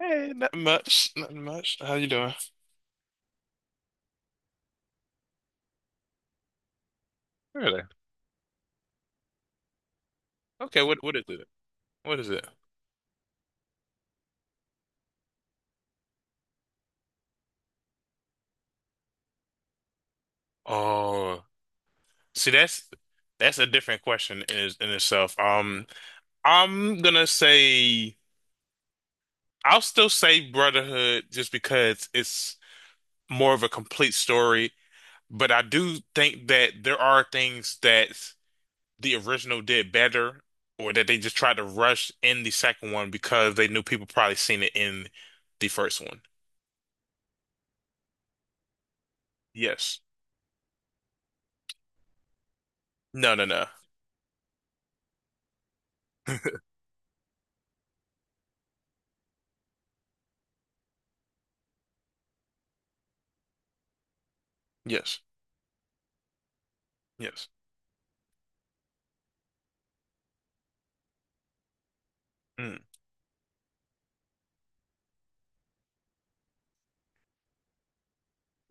Hey, nothing much. Nothing much. How you doing? Really? Okay, what is it? What is it? Oh, see, that's a different question in itself. I'm gonna say I'll still say Brotherhood just because it's more of a complete story, but I do think that there are things that the original did better or that they just tried to rush in the second one because they knew people probably seen it in the first one. Yes. No, no, no. Yes. Yes. Mm.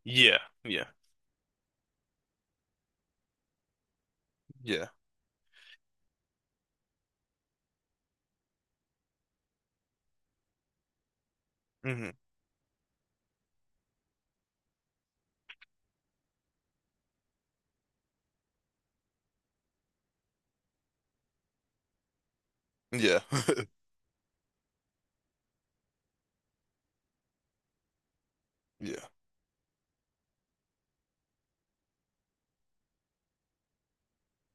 Yeah. Yeah. Yeah. Hmm. Yeah. Yeah.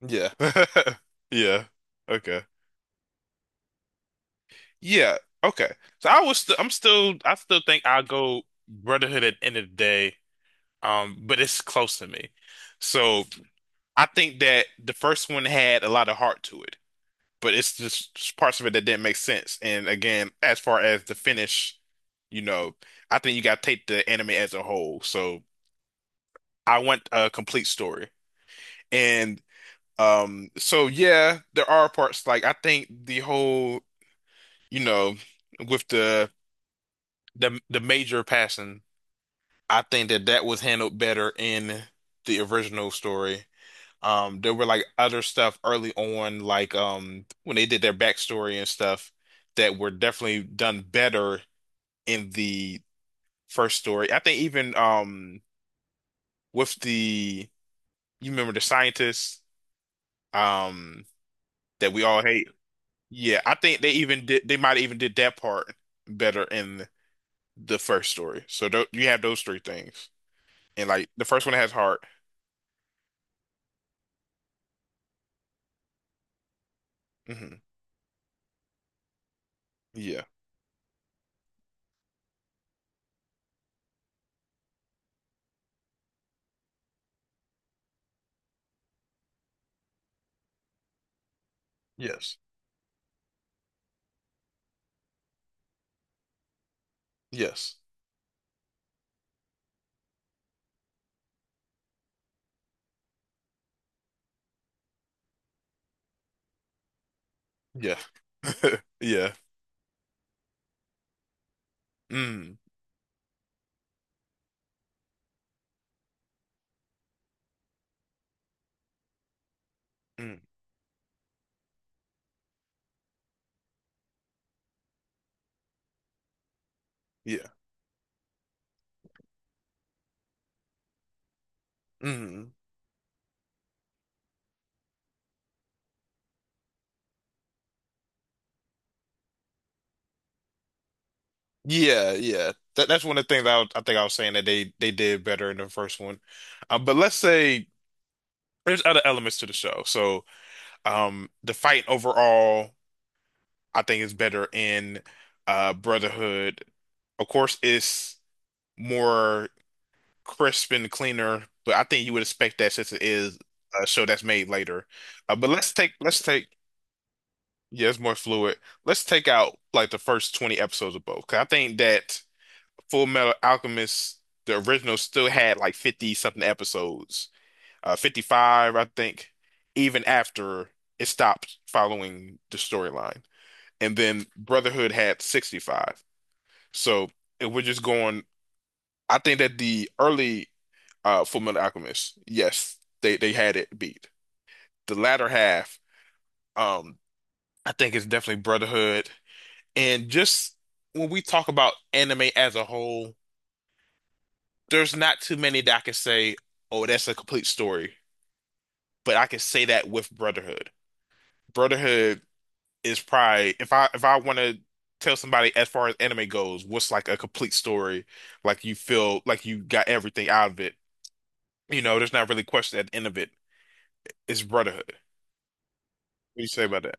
Yeah. Yeah. Okay. Yeah. Okay. So I was st I'm still I still think I'll go Brotherhood at the end of the day. But it's close to me. So I think that the first one had a lot of heart to it, but it's just parts of it that didn't make sense. And again, as far as the finish, you know, I think you gotta take the anime as a whole. So I want a complete story. And So yeah, there are parts like I think the whole, you know, with the the major passing, I think that that was handled better in the original story. There were like other stuff early on, like when they did their backstory and stuff that were definitely done better in the first story. I think even with the you remember the scientists um that we all hate. Yeah, I think they might even did that part better in the first story. So you have those three things. And like the first one has heart. Hmm. Yeah. Yes. Yes. Yeah. Yeah. Mm. Mm. Yeah. Mm. Yeah, yeah. That that's one of the things I think I was saying that they did better in the first one. But let's say there's other elements to the show. So the fight overall I think is better in Brotherhood. Of course, it's more crisp and cleaner, but I think you would expect that since it is a show that's made later. But let's take yeah, it's more fluid. Let's take out like the first 20 episodes of both. 'Cause I think that Full Metal Alchemist, the original, still had like 50 something episodes, 55, I think, even after it stopped following the storyline. And then Brotherhood had 65. So if we're just going, I think that the early Full Metal Alchemist. Yes, they had it beat. The latter half, um, I think it's definitely Brotherhood. And just when we talk about anime as a whole, there's not too many that I can say, oh, that's a complete story. But I can say that with Brotherhood. Brotherhood is probably if I want to tell somebody as far as anime goes, what's like a complete story, like you feel like you got everything out of it. You know, there's not really question at the end of it. It's Brotherhood. What do you say about that?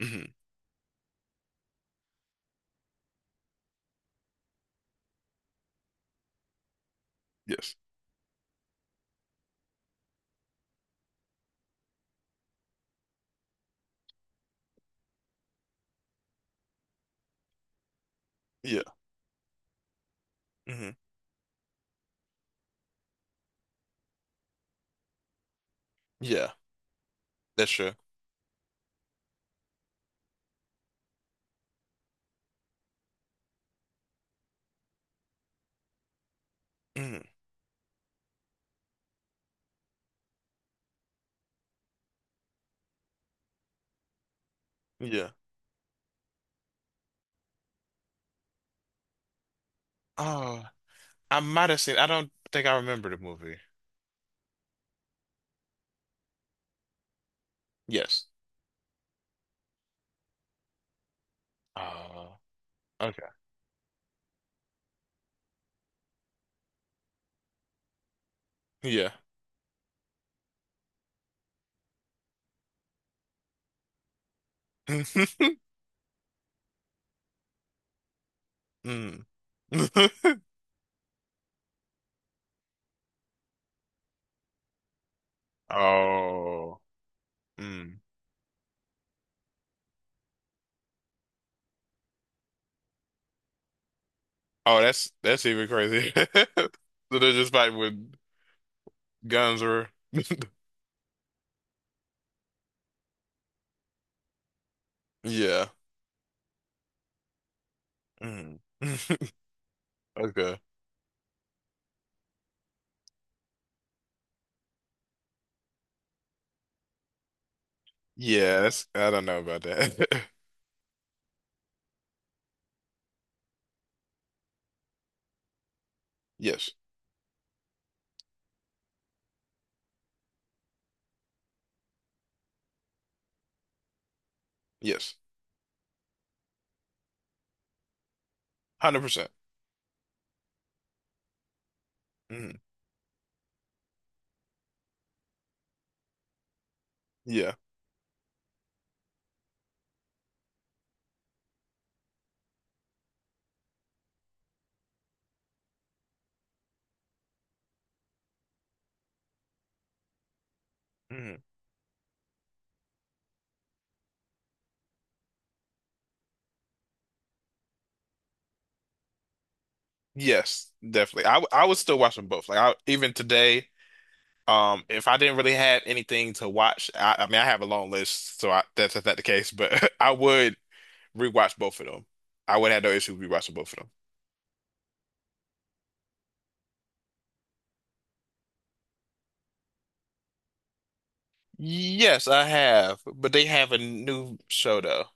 Hmm. Yes. Yeah. Hmm. Yeah. That's true. Hmm. Yeah. Oh, I might have seen. I don't think I remember the movie. Yes. Oh. Okay. Yeah. Mm. Oh. Mm. Oh, that's even crazy. So they're just fighting with guns or yeah. Mm. Okay. Yeah, that's I don't know about that. Yes. Yes. 100%. Mm. Yeah. Yes, definitely. I would still watch them both. Like I, even today, if I didn't really have anything to watch, I mean, I have a long list, so I, that's not the case. But I would rewatch both of them. I would have no issue rewatching both of them. Yes, I have, but they have a new show though.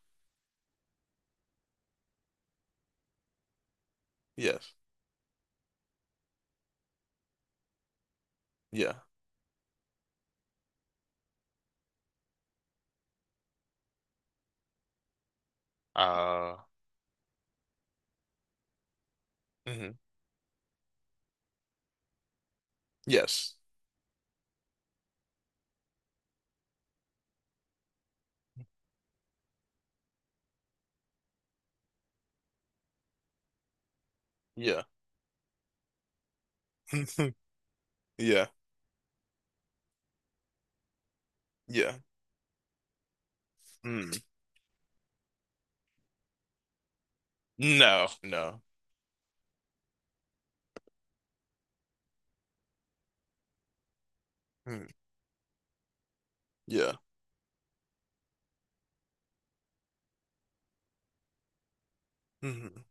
Yes, yeah. Uh, mhm. Yes, yeah, yeah, yeah. Mm. No, no. Mm. Yeah. Mm-hmm.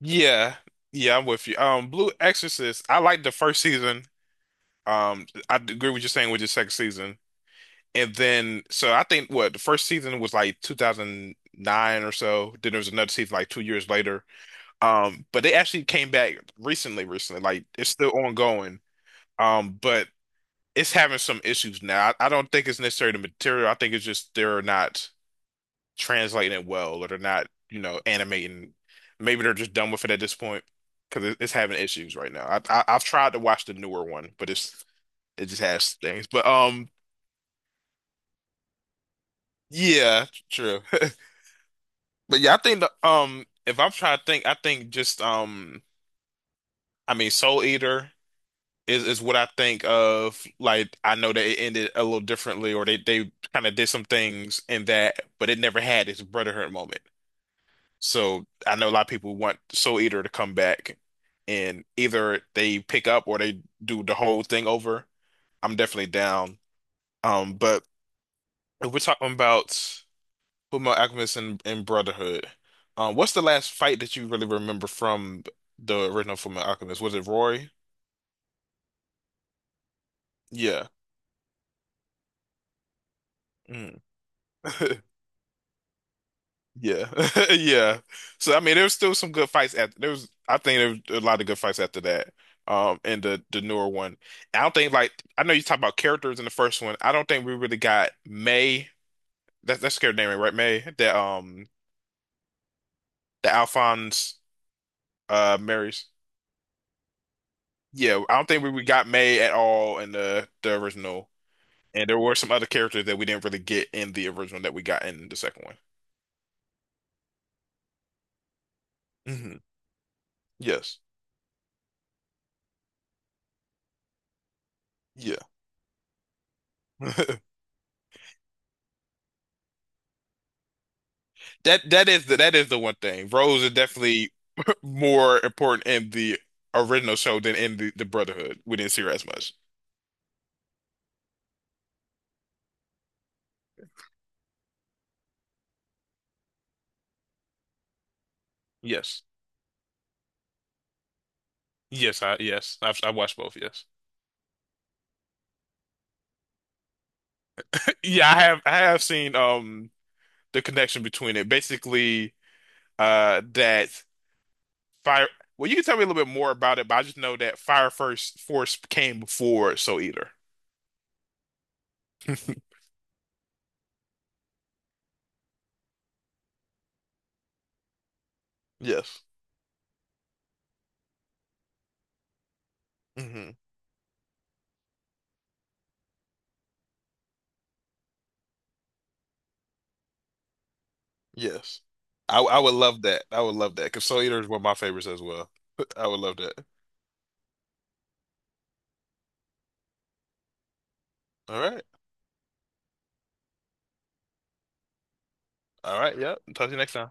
Yeah, yeah, I'm with you. Blue Exorcist, I liked the first season. I agree with you saying with the second season, and then so I think what the first season was like 2009 or so. Then there was another season like 2 years later. But they actually came back recently, recently. Like it's still ongoing. But it's having some issues now. I don't think it's necessarily the material. I think it's just they're not translating it well or they're not, you know, animating. Maybe they're just done with it at this point because it's having issues right now. I've tried to watch the newer one, but it just has things. But yeah, true. But yeah, I think the if I'm trying to think, I think just I mean, Soul Eater is what I think of. Like I know that it ended a little differently, or they kind of did some things in that, but it never had its Brotherhood moment. So I know a lot of people want Soul Eater to come back and either they pick up or they do the whole thing over. I'm definitely down. But if we're talking about Fullmetal Alchemist and Brotherhood, what's the last fight that you really remember from the original Fullmetal Alchemist? Was it Roy? Yeah. Mm. Yeah, yeah. So I mean, there was still some good fights after. There was, I think, there was a lot of good fights after that. And the newer one, I don't think like I know you talk about characters in the first one. I don't think we really got May. That's her name, right? May that the Alphonse marries. Yeah, I don't think we got May at all in the original. And there were some other characters that we didn't really get in the original that we got in the second one. Hmm. Yes. Yeah. That that is the one thing. Rose is definitely more important in the original show than in the Brotherhood. We didn't see her as much. Yes. Yes, I yes. I've I watched both, yes. Yeah, I have seen the connection between it. Basically, that Fire well you can tell me a little bit more about it, but I just know that Fire First Force came before Soul Eater. Yes. Hmm. Yes. I would love that. I would love that because Soul Eater is one of my favorites as well. I would love that. All right. All right. Yeah. Talk to you next time.